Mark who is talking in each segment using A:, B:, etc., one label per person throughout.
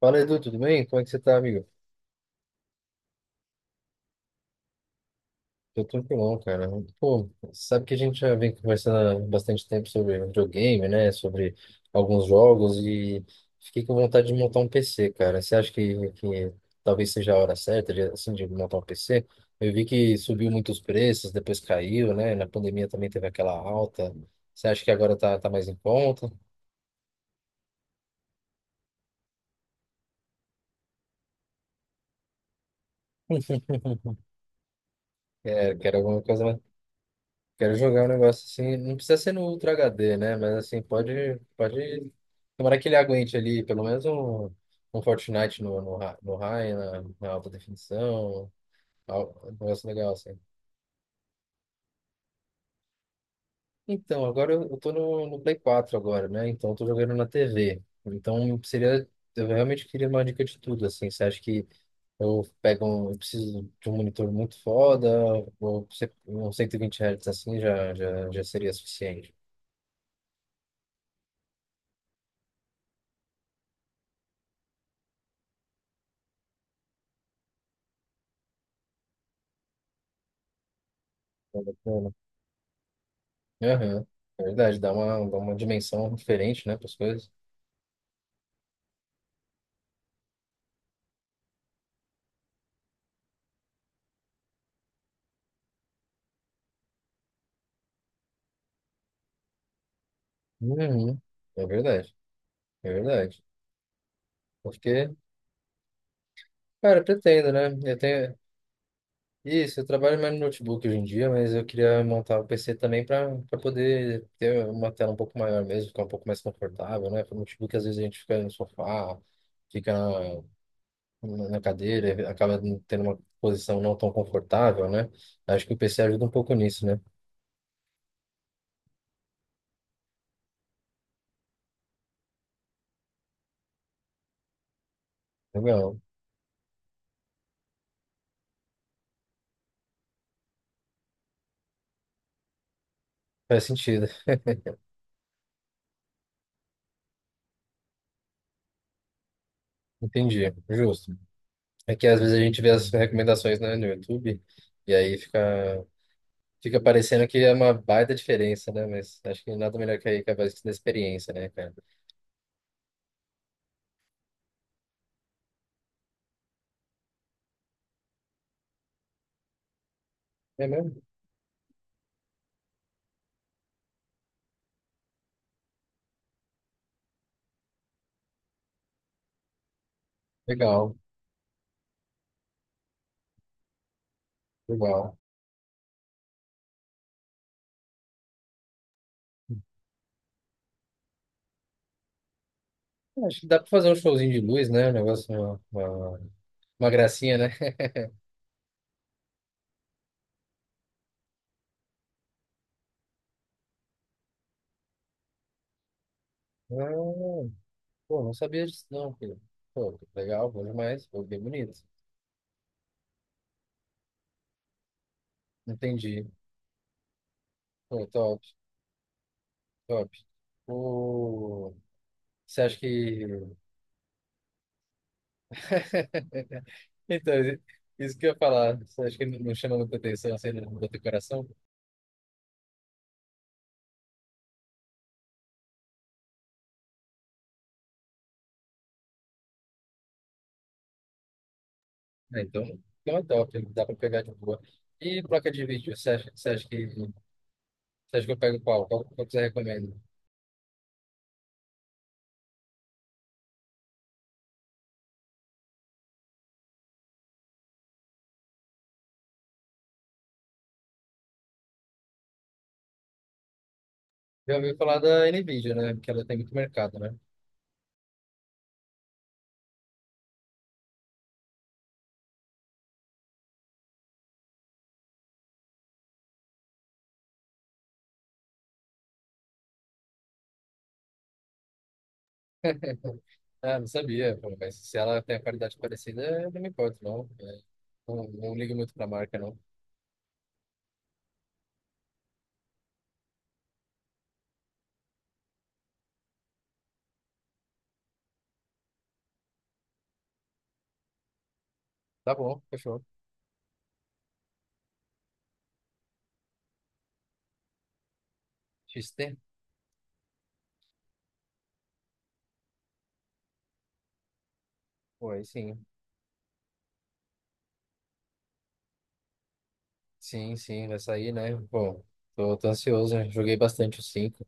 A: Fala, Edu, tudo bem? Como é que você tá, amigo? Tô tranquilão, cara. Pô, sabe que a gente já vem conversando há bastante tempo sobre videogame, né? Sobre alguns jogos e fiquei com vontade de montar um PC, cara. Você acha que talvez seja a hora certa de, assim, de montar um PC? Eu vi que subiu muitos preços, depois caiu, né? Na pandemia também teve aquela alta. Você acha que agora tá mais em conta? É, quero alguma coisa mais? Quero jogar um negócio assim, não precisa ser no Ultra HD, né? Mas assim, pode, tomara que ele aguente ali, pelo menos um, um Fortnite no high, na alta definição, um negócio legal assim. Então, agora eu tô no Play 4 agora, né? Então eu tô jogando na TV. Então seria, eu realmente queria uma dica de tudo, assim. Você acha que eu pego um, eu preciso de um monitor muito foda, ou um 120 Hz assim já seria suficiente? Aham. É verdade, dá uma dimensão diferente, né, para as coisas. Uhum. É verdade, é verdade. Porque, cara, eu pretendo, né? Eu tenho. Isso, eu trabalho mais no notebook hoje em dia, mas eu queria montar o PC também para poder ter uma tela um pouco maior mesmo, ficar um pouco mais confortável, né? Porque o notebook às vezes a gente fica no sofá, fica na cadeira, e acaba não tendo uma posição não tão confortável, né? Acho que o PC ajuda um pouco nisso, né? Legal, faz sentido, entendi, justo. É que às vezes a gente vê as recomendações, né, no YouTube, e aí fica, fica parecendo que é uma baita diferença, né? Mas acho que nada melhor que aí que a voz da experiência, né, cara? É mesmo? Legal, legal. É, acho que dá pra fazer um showzinho de luz, né? Um negócio, uma gracinha, né? Ah, pô, não sabia disso não, filho. Pô, legal, bom demais, pô, bem bonito. Entendi. Pô, top, top. Pô, você acha que Então, isso que eu ia falar. Você acha que não chama muita atenção, assim, não bota o coração? Ah, então, então é top, dá pra pegar de boa. E placa de vídeo, você acha que eu pego qual? Qual que você recomenda? Eu ouvi falar da Nvidia, né? Porque ela tem muito mercado, né? Ah, não sabia, pô, mas se ela tem a qualidade parecida, eu não me importo, não. É, não, não ligo muito pra marca, não. Tá bom, fechou. XT? Pô, aí sim. Sim, sim, vai sair, né? Pô, tô ansioso, né? Joguei bastante o cinco.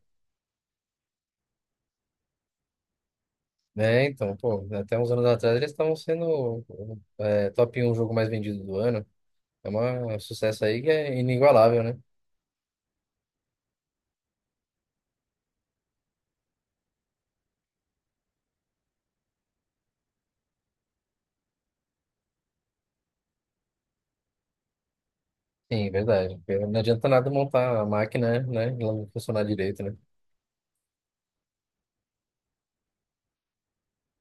A: Né, então, pô, até uns anos atrás eles estavam sendo é, top um jogo mais vendido do ano. É uma- É um sucesso aí que é inigualável, né? Sim, verdade. Porque não adianta nada montar a máquina, né? Ela não funcionar direito, né?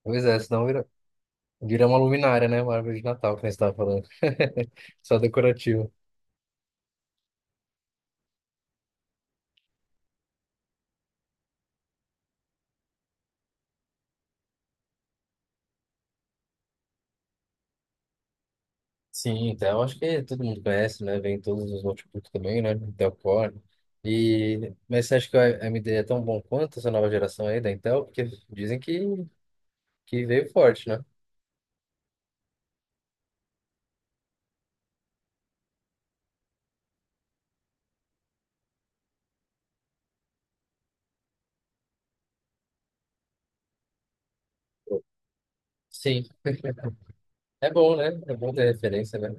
A: Pois é, vira uma luminária, né? Uma árvore de Natal, que nem você estava falando. Só decorativo. Sim, Dell, acho que todo mundo conhece, né? Vem em todos os notebooks também, né? Intel Core. E, mas você acha que a AMD é tão bom quanto essa nova geração aí da Intel? Porque dizem que veio forte, né? Sim. É bom, né? É bom ter referência, né?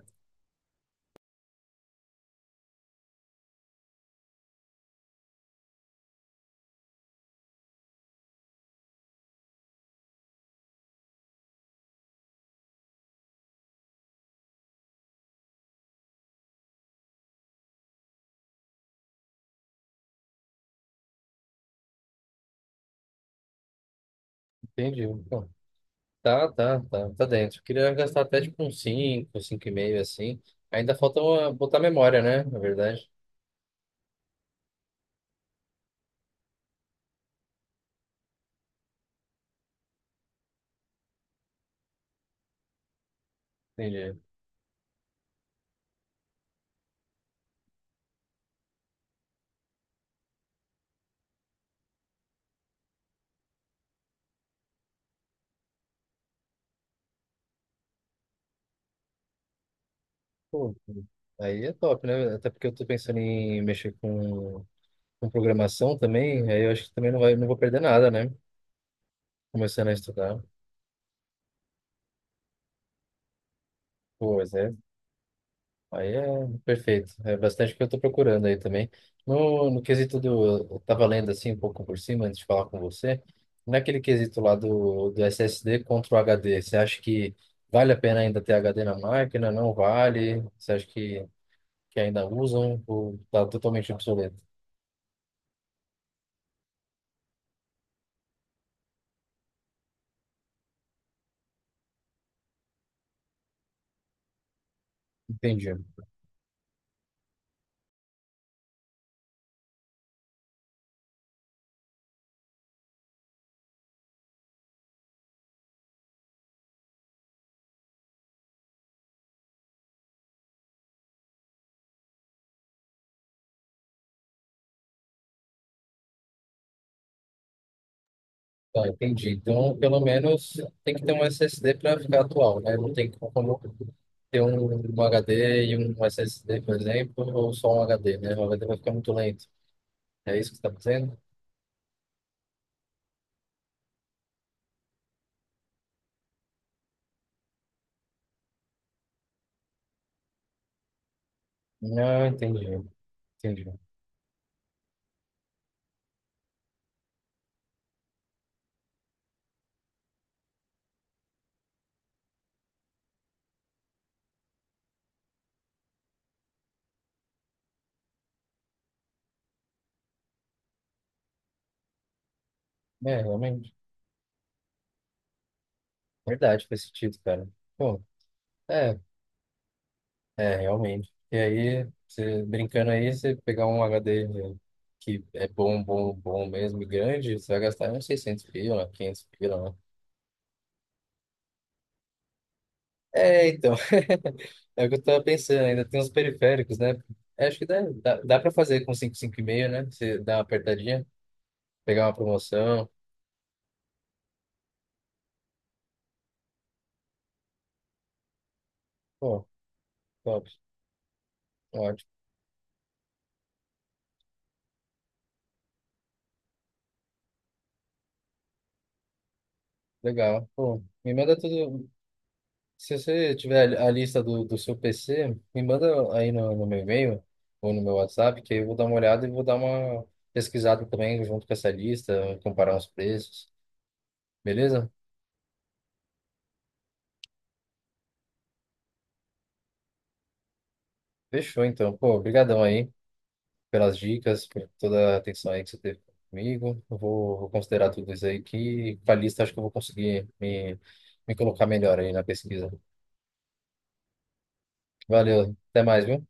A: Entendi. Bom, tá dentro. Eu queria gastar até tipo uns cinco e meio assim. Ainda falta botar memória, né? Na verdade. Entendi. Pô, aí é top, né? Até porque eu tô pensando em mexer com programação também, aí eu acho que também não vou perder nada, né? Começando a estudar. Pois é. Aí é perfeito. É bastante o que eu estou procurando aí também. No quesito do. Eu estava lendo assim um pouco por cima antes de falar com você. Naquele quesito lá do SSD contra o HD, você acha que vale a pena ainda ter HD na máquina? Não vale? Você acha que ainda usam? Ou tá totalmente obsoleto? Entendi. Tá, entendi. Então, pelo menos tem que ter um SSD para ficar atual, né? Não tem como ter um HD e um SSD, por exemplo, ou só um HD, né? O HD vai ficar muito lento. É isso que você está dizendo? Não, entendi. Entendi. É, realmente. Verdade, faz sentido, cara. Pô, é, é, realmente. E aí, você brincando aí, você pegar um HD que é bom mesmo, e grande, você vai gastar uns 600 pila, 500 pila. É, então. É o que eu tava pensando, ainda tem os periféricos, né? É, acho que dá pra fazer com cinco e meio, né? Você dá uma apertadinha, pegar uma promoção. Pô, top, ótimo, legal. Pô, me manda tudo. Se você tiver a lista do seu PC, me manda aí no meu e-mail ou no meu WhatsApp, que aí eu vou dar uma olhada e vou dar uma pesquisada também junto com essa lista, comparar os preços, beleza? Fechou, então. Pô, brigadão aí pelas dicas, por toda a atenção aí que você teve comigo. Vou considerar tudo isso aí que com a lista acho que eu vou conseguir me colocar melhor aí na pesquisa. Valeu, até mais, viu?